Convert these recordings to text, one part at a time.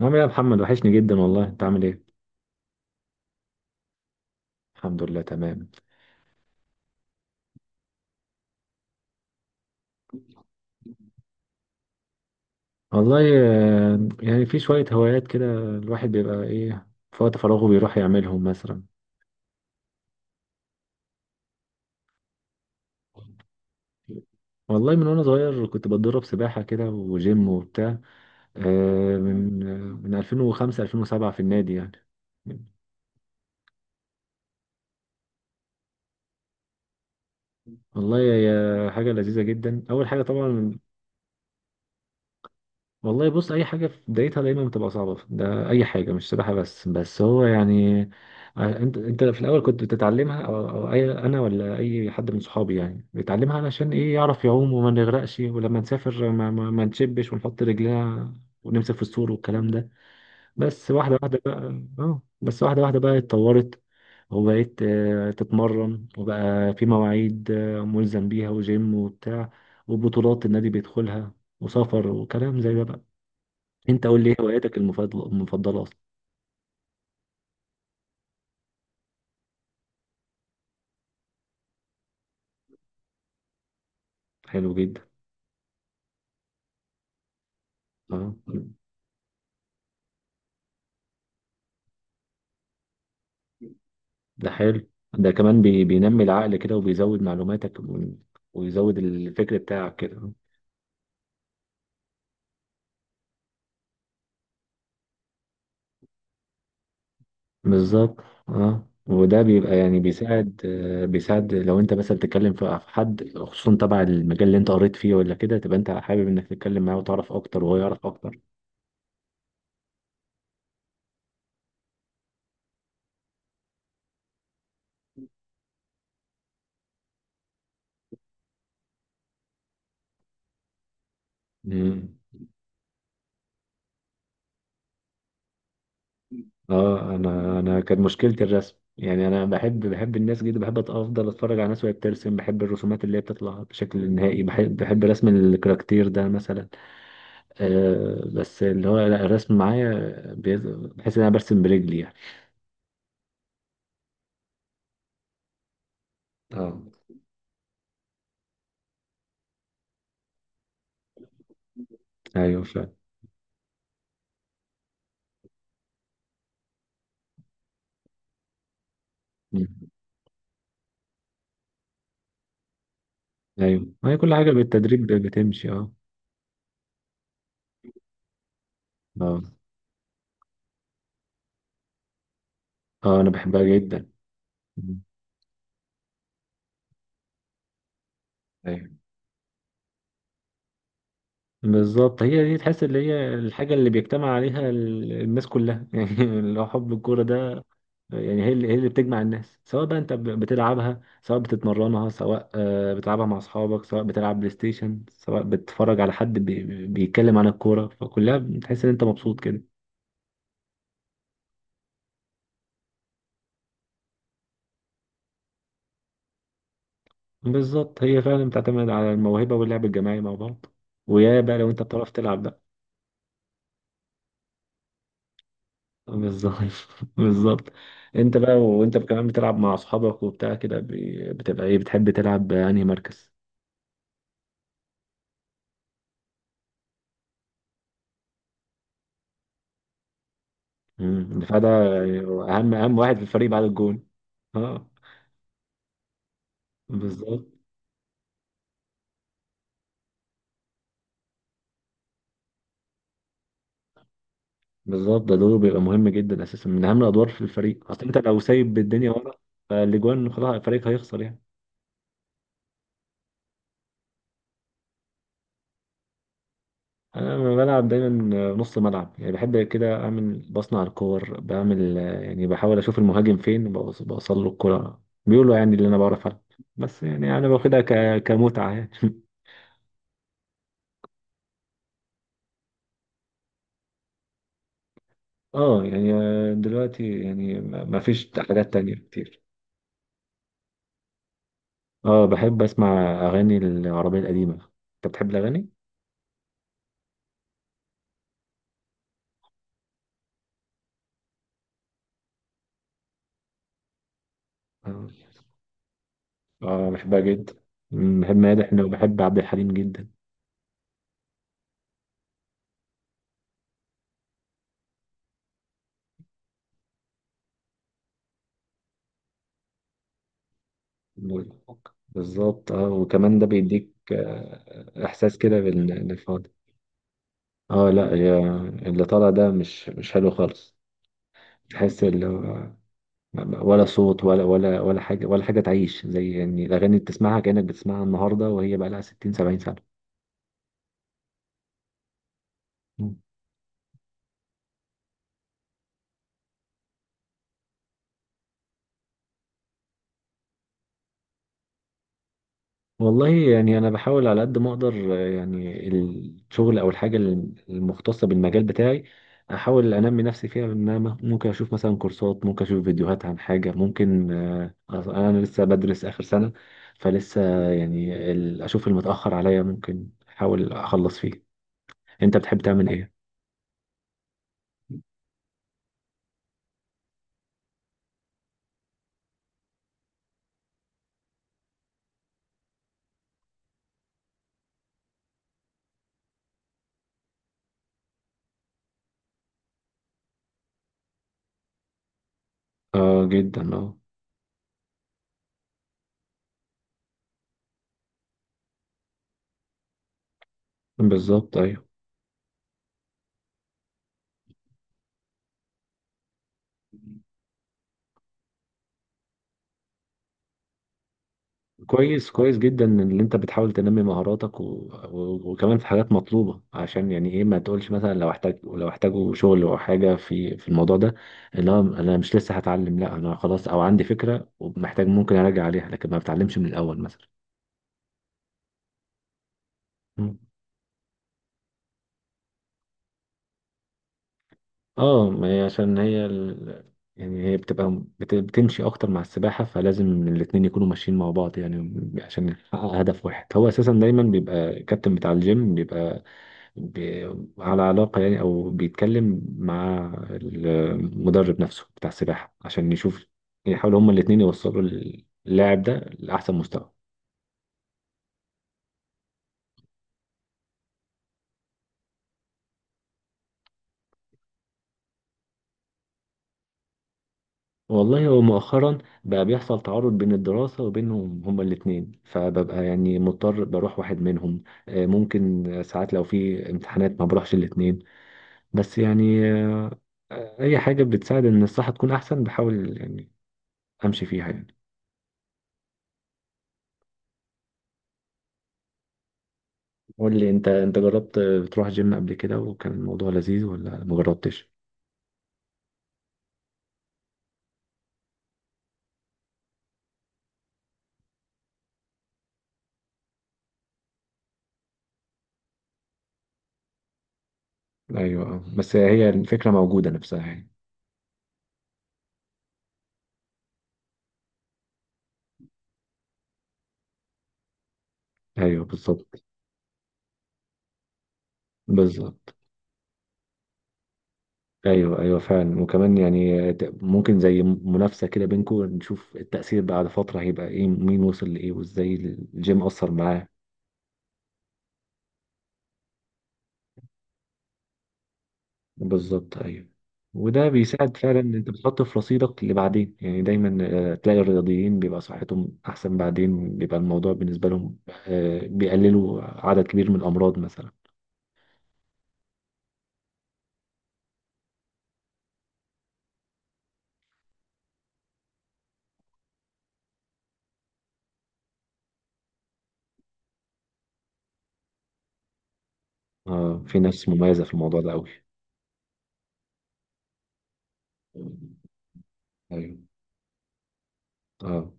عامل ايه يا محمد، وحشني جدا والله. انت عامل ايه؟ الحمد لله تمام. والله يعني في شوية هوايات كده الواحد بيبقى ايه في وقت فراغه بيروح يعملهم مثلا. والله من وانا صغير كنت بتدرب سباحة كده وجيم وبتاع. آه، من من 2005 2007 في النادي يعني. والله هي حاجة لذيذة جدا أول حاجة طبعا. والله بص، اي حاجه في بدايتها دايما بتبقى صعبه، ده اي حاجه مش سباحه بس. بس هو يعني انت في الاول كنت بتتعلمها أو أي انا ولا اي حد من صحابي يعني بيتعلمها علشان ايه، يعرف يعوم وما نغرقش، ولما نسافر ما نشبش ونحط رجلنا ونمسك في السور والكلام ده. بس واحده واحده بقى. اتطورت، وبقيت تتمرن، وبقى في مواعيد ملزم بيها، وجيم وبتاع وبطولات النادي بيدخلها، وسفر وكلام زي ده بقى. انت قول لي، ايه هواياتك المفضله؟ اصلا. حلو جدا. اه، ده حلو. ده كمان بينمي العقل كده وبيزود معلوماتك، و... ويزود الفكر بتاعك كده. بالظبط. اه، وده بيبقى يعني بيساعد. بيساعد لو انت مثلا بتتكلم في حد، خصوصا تبع المجال اللي انت قريت فيه ولا كده، تبقى انت حابب انك تتكلم معاه وتعرف اكتر وهو يعرف اكتر. مم. اه، انا كانت مشكلتي الرسم يعني. انا بحب الناس جدا، بحب افضل اتفرج على ناس وهي بترسم. بحب الرسومات اللي هي بتطلع بشكل نهائي، بحب رسم الكاركتير ده مثلا. آه، بس اللي هو لا، الرسم معايا بحس ان انا برسم برجلي يعني. اه ايوه فعلا. مم. ايوه، ما هي كل حاجه بالتدريب بتمشي، اه اه اه، انا بحبها جدا. مم. ايوه. بالظبط، هي دي. تحس اللي هي الحاجة اللي بيجتمع عليها الناس كلها يعني لو حب الكورة ده. يعني هي اللي بتجمع الناس، سواء بقى انت بتلعبها، سواء بتتمرنها، سواء بتلعبها مع اصحابك، سواء بتلعب بلاي ستيشن، سواء بتتفرج على حد بيتكلم عن الكورة. فكلها بتحس ان انت مبسوط كده. بالظبط، هي فعلا بتعتمد على الموهبة واللعب الجماعي مع بعض، ويا بقى لو انت بتعرف تلعب بقى. بالظبط بالظبط. انت بقى، وانت كمان بتلعب مع اصحابك وبتاع كده، بتبقى ايه، بتحب تلعب انهي مركز؟ مم. فده يعني اهم واحد في الفريق بعد الجون، اه. بالظبط، بالظبط، ده دوره بيبقى مهم جدا اساسا، من اهم الادوار في الفريق، اصل انت لو سايب الدنيا ورا فالاجوان خلاص الفريق هيخسر يعني. انا لما بلعب دايما نص ملعب. يعني بحب كده اعمل، بصنع الكور، بعمل يعني بحاول اشوف المهاجم فين، بوصل له الكرة، بيقولوا يعني اللي انا بعرف ألعب. بس يعني انا باخدها كمتعة يعني اه يعني دلوقتي يعني، ما فيش حاجات تانية كتير. اه، بحب اسمع اغاني العربية القديمة. انت بتحب الاغاني؟ آه. اه بحبها جدا. مم، بحب مادة حناوي وبحب عبد الحليم جدا. بالظبط. اه، وكمان ده بيديك احساس كده بالفاضي. اه لا، هي اللي طالع ده مش حلو خالص. تحس اللي هو ولا صوت ولا حاجة. ولا حاجة تعيش زي يعني الأغاني اللي بتسمعها، كأنك بتسمعها النهاردة وهي بقى لها 60 70 سنة. والله يعني أنا بحاول على قد ما أقدر. يعني الشغل أو الحاجة المختصة بالمجال بتاعي أحاول أنمي نفسي فيها. إن أنا ممكن أشوف مثلا كورسات، ممكن أشوف فيديوهات عن حاجة ممكن. أنا لسه بدرس آخر سنة، فلسه يعني أشوف المتأخر عليا ممكن أحاول أخلص فيه. أنت بتحب تعمل إيه؟ آه جدا، آه. بالظبط أيوه. كويس، كويس جدا ان انت بتحاول تنمي مهاراتك، و... و... وكمان في حاجات مطلوبه، عشان يعني ايه، ما تقولش مثلا لو احتاجوا شغل او حاجه في الموضوع ده، اللي هو انا مش لسه هتعلم، لا انا خلاص، او عندي فكره ومحتاج ممكن اراجع عليها، لكن ما بتعلمش من الاول مثلا. مم. اه، ما هي عشان هي يعني هي بتبقى بتمشي اكتر مع السباحه، فلازم الاتنين يكونوا ماشيين مع بعض يعني عشان نحقق هدف واحد. هو اساسا دايما بيبقى الكابتن بتاع الجيم بيبقى على علاقة يعني، أو بيتكلم مع المدرب نفسه بتاع السباحة، عشان يشوف، يحاولوا هما الاتنين يوصلوا اللاعب ده لأحسن مستوى. والله، هو مؤخرا بقى بيحصل تعارض بين الدراسة وبينهم هما الاتنين، فببقى يعني مضطر بروح واحد منهم. ممكن ساعات لو في امتحانات ما بروحش الاتنين، بس يعني أي حاجة بتساعد إن الصحة تكون أحسن بحاول يعني أمشي فيها يعني. قول لي انت، انت جربت بتروح جيم قبل كده، وكان الموضوع لذيذ ولا مجربتش؟ ايوه اه. بس هي الفكره موجوده نفسها يعني. ايوه، بالظبط، بالظبط. ايوه ايوه فعلا. وكمان يعني ممكن زي منافسه كده بينكم، نشوف التاثير بعد فتره هيبقى ايه، مين وصل لايه وازاي الجيم اثر معاه. بالظبط ايوه، وده بيساعد فعلا ان انت بتحط في رصيدك اللي بعدين يعني. دايما تلاقي الرياضيين بيبقى صحتهم احسن بعدين، بيبقى الموضوع بالنسبه لهم بيقللوا عدد كبير من الامراض مثلا. اه، في ناس مميزه في الموضوع ده قوي. ايوه اه،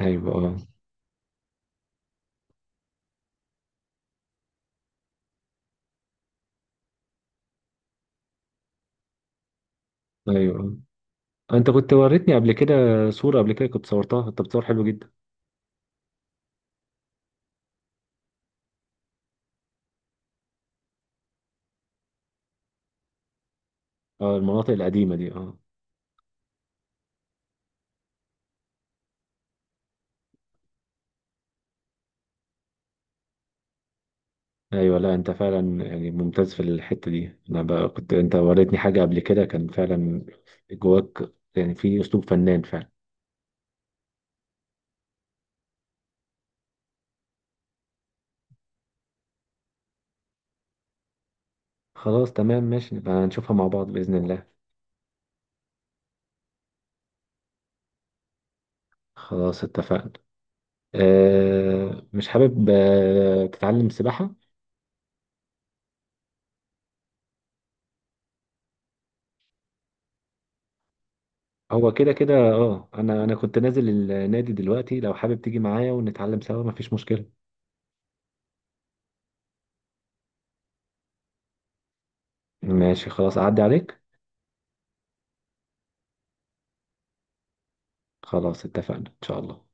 ايوه اه، ايوه اه. انت كنت وريتني قبل كده صوره، قبل كده كنت صورتها، انت بتصور حلو جدا. اه، المناطق القديمه دي، اه. ايوه، لا انت فعلا يعني ممتاز في الحته دي. انا بقى كنت، انت وريتني حاجه قبل كده كان فعلا جواك يعني في اسلوب فنان فعلا. خلاص تمام ماشي، نبقى هنشوفها مع بعض باذن الله. خلاص اتفقنا. أه، مش حابب أه تتعلم سباحه؟ هو كده كده اه. انا كنت نازل النادي دلوقتي، لو حابب تيجي معايا ونتعلم سوا مفيش مشكله. ماشي خلاص، اعدي عليك. خلاص اتفقنا ان شاء الله.